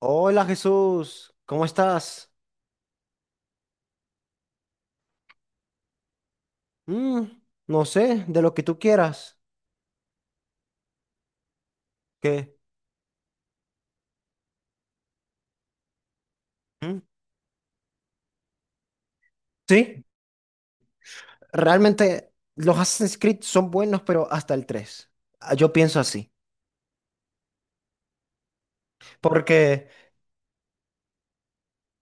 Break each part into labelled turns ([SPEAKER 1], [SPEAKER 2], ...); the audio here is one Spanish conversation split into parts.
[SPEAKER 1] Hola Jesús, ¿cómo estás? Mm, no sé, de lo que tú quieras. ¿Qué? Mm, sí, realmente los Assassin's Creed son buenos, pero hasta el 3. Ah, yo pienso así. Porque,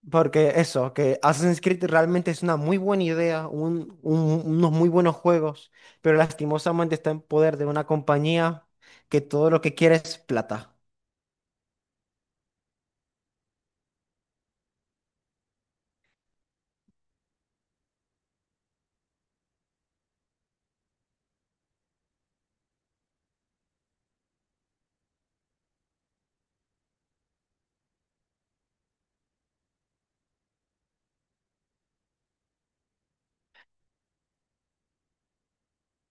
[SPEAKER 1] porque eso, que Assassin's Creed realmente es una muy buena idea, unos muy buenos juegos, pero lastimosamente está en poder de una compañía que todo lo que quiere es plata.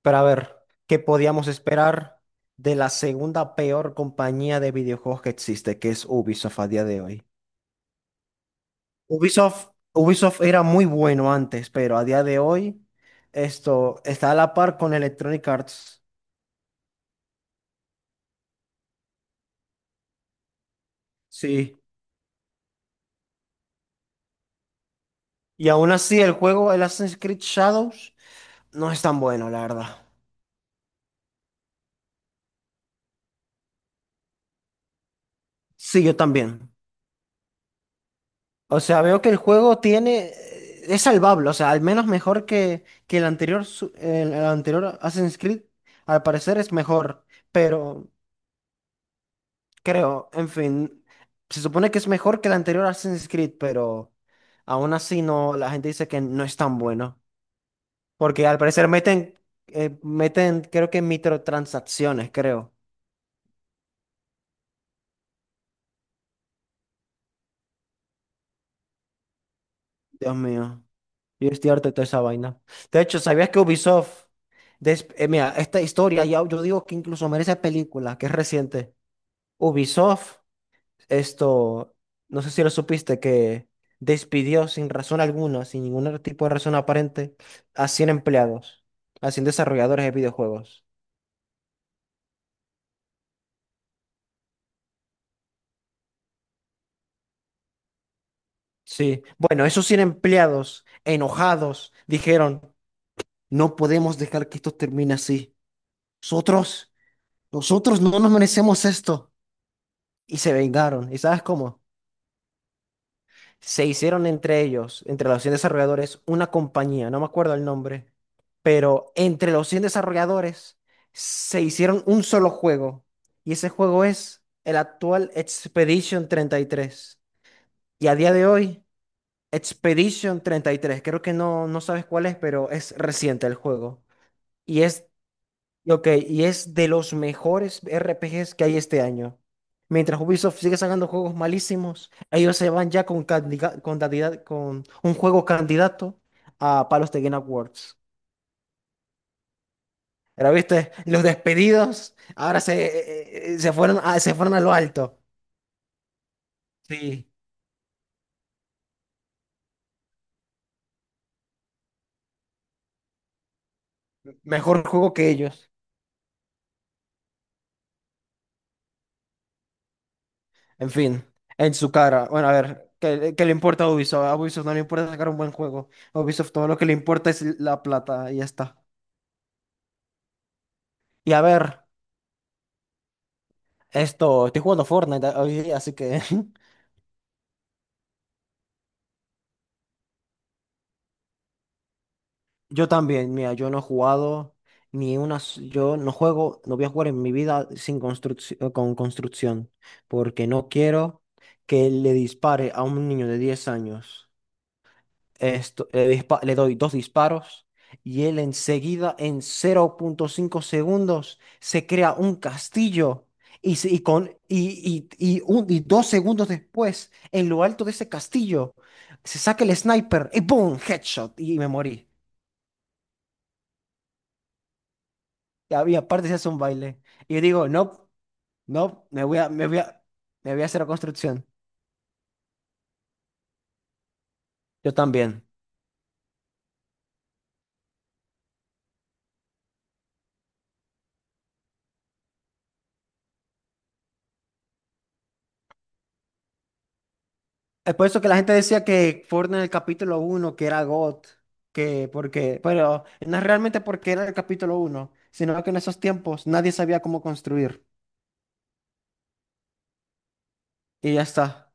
[SPEAKER 1] Pero a ver, ¿qué podíamos esperar de la segunda peor compañía de videojuegos que existe, que es Ubisoft a día de hoy? Ubisoft era muy bueno antes, pero a día de hoy esto está a la par con Electronic Arts. Sí. Y aún así el juego, el Assassin's Creed Shadows, no es tan bueno, la verdad. Sí, yo también. O sea, veo que el juego tiene... Es salvable, o sea, al menos mejor que el anterior, el anterior Assassin's Creed, al parecer es mejor, pero creo, en fin, se supone que es mejor que el anterior Assassin's Creed, pero aún así no, la gente dice que no es tan bueno, porque al parecer meten, creo que microtransacciones, creo. Dios mío. Yo estoy harto de toda esa vaina. De hecho, ¿sabías que Ubisoft, mira, esta historia, ya, yo digo que incluso merece película, que es reciente? Ubisoft, esto, no sé si lo supiste, que despidió sin razón alguna, sin ningún tipo de razón aparente, a cien empleados, a 100 desarrolladores de videojuegos. Sí, bueno, esos 100 empleados enojados dijeron, no podemos dejar que esto termine así. Nosotros, nosotros no nos merecemos esto. Y se vengaron. ¿Y sabes cómo? Se hicieron entre ellos, entre los 100 desarrolladores, una compañía, no me acuerdo el nombre, pero entre los 100 desarrolladores se hicieron un solo juego. Y ese juego es el actual Expedition 33. Y tres. Y a día de hoy, Expedition 33, creo que no, no sabes cuál es, pero es reciente el juego. Y es Y ok, y es de los mejores RPGs que hay este año. Mientras Ubisoft sigue sacando juegos malísimos, ellos se van ya con, con un juego candidato a Palos de Game Awards. Pero viste, los despedidos ahora se fueron a lo alto. Sí, mejor juego que ellos. En fin, en su cara. Bueno, a ver, ¿qué, qué le importa a Ubisoft? A Ubisoft no le importa sacar un buen juego. A Ubisoft todo lo que le importa es la plata y ya está. Y a ver. Esto, estoy jugando Fortnite hoy día, así que yo también, mira, yo no he jugado ni una, s- yo no juego, no voy a jugar en mi vida sin construcción, con construcción, porque no quiero que le dispare a un niño de 10 años. Esto, le doy dos disparos y él enseguida, en 0,5 segundos, se crea un castillo. Y, se- y con, y un- y dos segundos después, en lo alto de ese castillo, se saca el sniper y ¡boom! Headshot. Y me morí. Aparte se hace un baile. Y yo digo, no, no, me voy a, me voy a, me voy a hacer la construcción. Yo también. Es por eso que la gente decía que Fortnite en el capítulo uno que era GOT, que porque, pero no es realmente porque era el capítulo uno, sino que en esos tiempos nadie sabía cómo construir. Y ya está.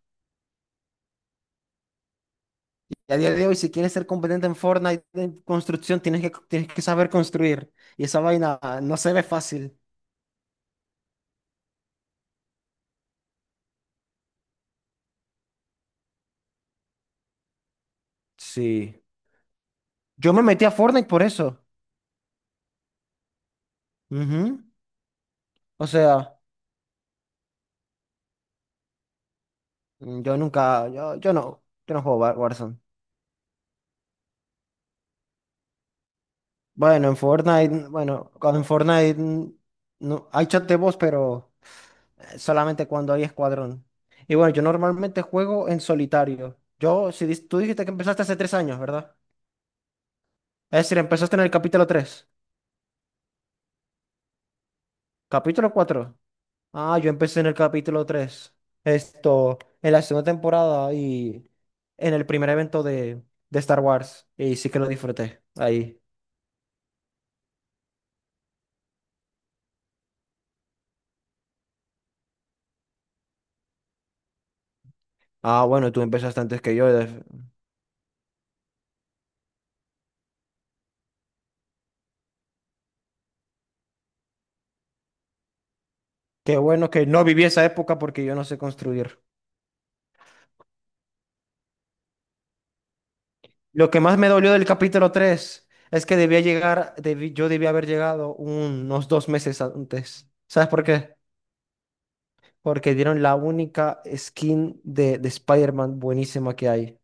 [SPEAKER 1] Y a día de hoy, si quieres ser competente en Fortnite en construcción, tienes que saber construir. Y esa vaina no se ve fácil. Sí. Yo me metí a Fortnite por eso. Ujú. O sea, yo nunca, yo no, yo no juego Warzone. Bueno, en Fortnite, bueno, cuando en Fortnite no, hay chat de voz, pero solamente cuando hay escuadrón. Y bueno, yo normalmente juego en solitario. Yo, si dis- tú dijiste que empezaste hace tres años, ¿verdad? Es decir, empezaste en el capítulo 3, ¿capítulo cuatro? Ah, yo empecé en el capítulo 3, esto, en la segunda temporada y en el primer evento de Star Wars. Y sí que lo disfruté ahí. Ah, bueno, tú empezaste antes que yo. Qué bueno que no viví esa época, porque yo no sé construir. Lo que más me dolió del capítulo 3 es que debía llegar, yo debía haber llegado unos dos meses antes. ¿Sabes por qué? Porque dieron la única skin de Spider-Man buenísima que hay.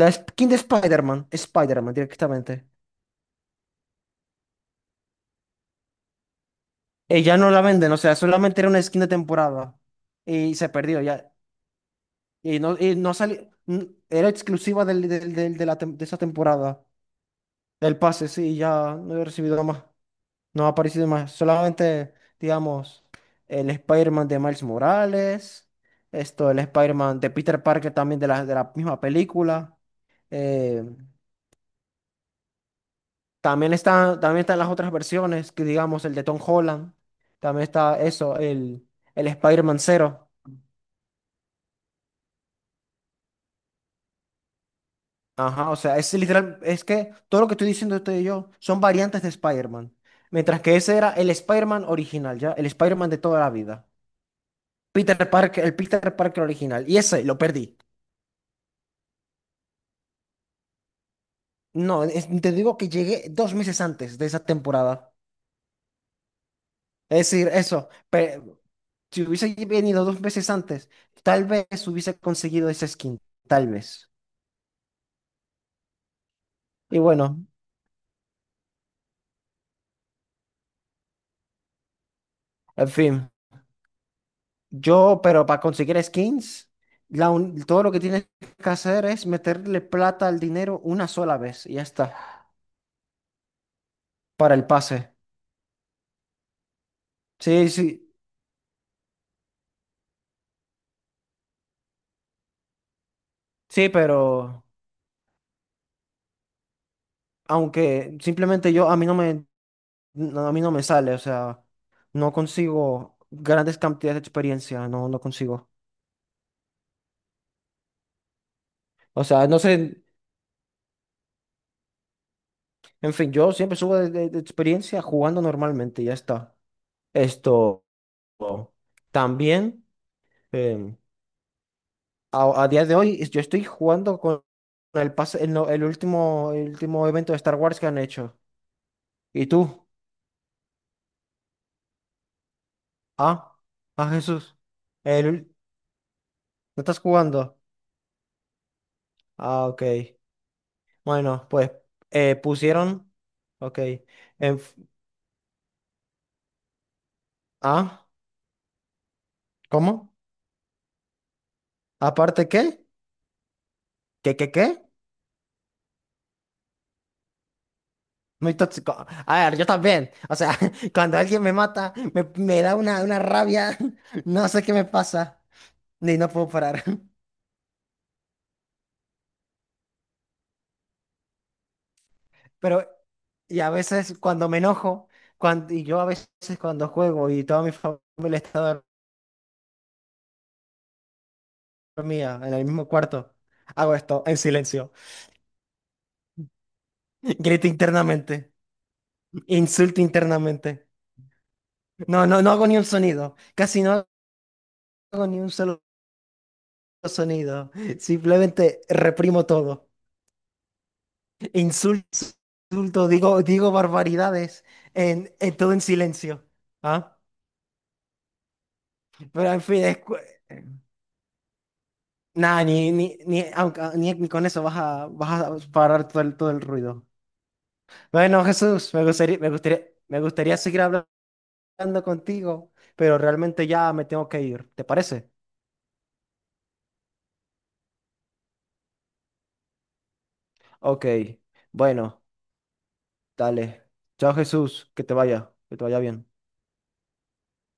[SPEAKER 1] La skin de Spider-Man, Spider-Man directamente. Y ya no la venden, o sea, solamente era una skin de temporada. Y se perdió ya. Y no salió, era exclusiva de esa temporada. Del pase, sí, ya no he recibido más. No ha aparecido más, solamente, digamos, el Spider-Man de Miles Morales, esto, el Spider-Man de Peter Parker también de la misma película. Eh, también está, también están las otras versiones, que digamos, el de Tom Holland, también está eso, el Spider-Man Zero. Ajá, o sea, es literal, es que todo lo que estoy diciendo usted y yo son variantes de Spider-Man, mientras que ese era el Spider-Man original, ¿ya? El Spider-Man de toda la vida. Peter Parker, el Peter Parker original, y ese lo perdí. No, te digo que llegué dos meses antes de esa temporada. Es decir, eso, pe- si hubiese venido dos meses antes, tal vez hubiese conseguido esa skin, tal vez. Y bueno, en fin, yo, pero para conseguir skins, todo lo que tienes que hacer es meterle plata al dinero una sola vez y ya está, para el pase. Sí, sí, sí, pero aunque simplemente yo, a mí no me no, a mí no me sale, o sea, no consigo grandes cantidades de experiencia, no, no consigo. O sea, no sé, en fin, yo siempre subo de experiencia jugando normalmente, ya está. Esto también, em, a día de hoy, yo estoy jugando con el pase, el, el último evento de Star Wars que han hecho. ¿Y tú? Ah, ah, Jesús. El, ¿no estás jugando? Ah, ok. Bueno, pues pusieron, ok. en- Ah, ¿cómo? ¿Aparte qué? ¿Qué, qué, qué? Muy tóxico. A ver, yo también. O sea, cuando alguien me mata, me da una rabia. No sé qué me pasa. Ni no puedo parar. Pero, y a veces cuando me enojo, cuando, y yo a veces cuando juego y toda mi familia está dormida en el mismo cuarto, hago esto en silencio. Grito internamente. Insulto internamente. No, no, no hago ni un sonido. Casi no hago ni un solo sonido. Simplemente reprimo todo. Insulto, insulto, digo barbaridades en todo en silencio. ¿Ah? Pero en fin, nada, ni, ni, ni, aunque- ni- ni con eso vas a, vas a parar todo el ruido. Bueno, Jesús, me gustaría seguir hablando contigo, pero realmente ya me tengo que ir. ¿Te parece? Ok, bueno, dale. Chao, Jesús, que te vaya bien.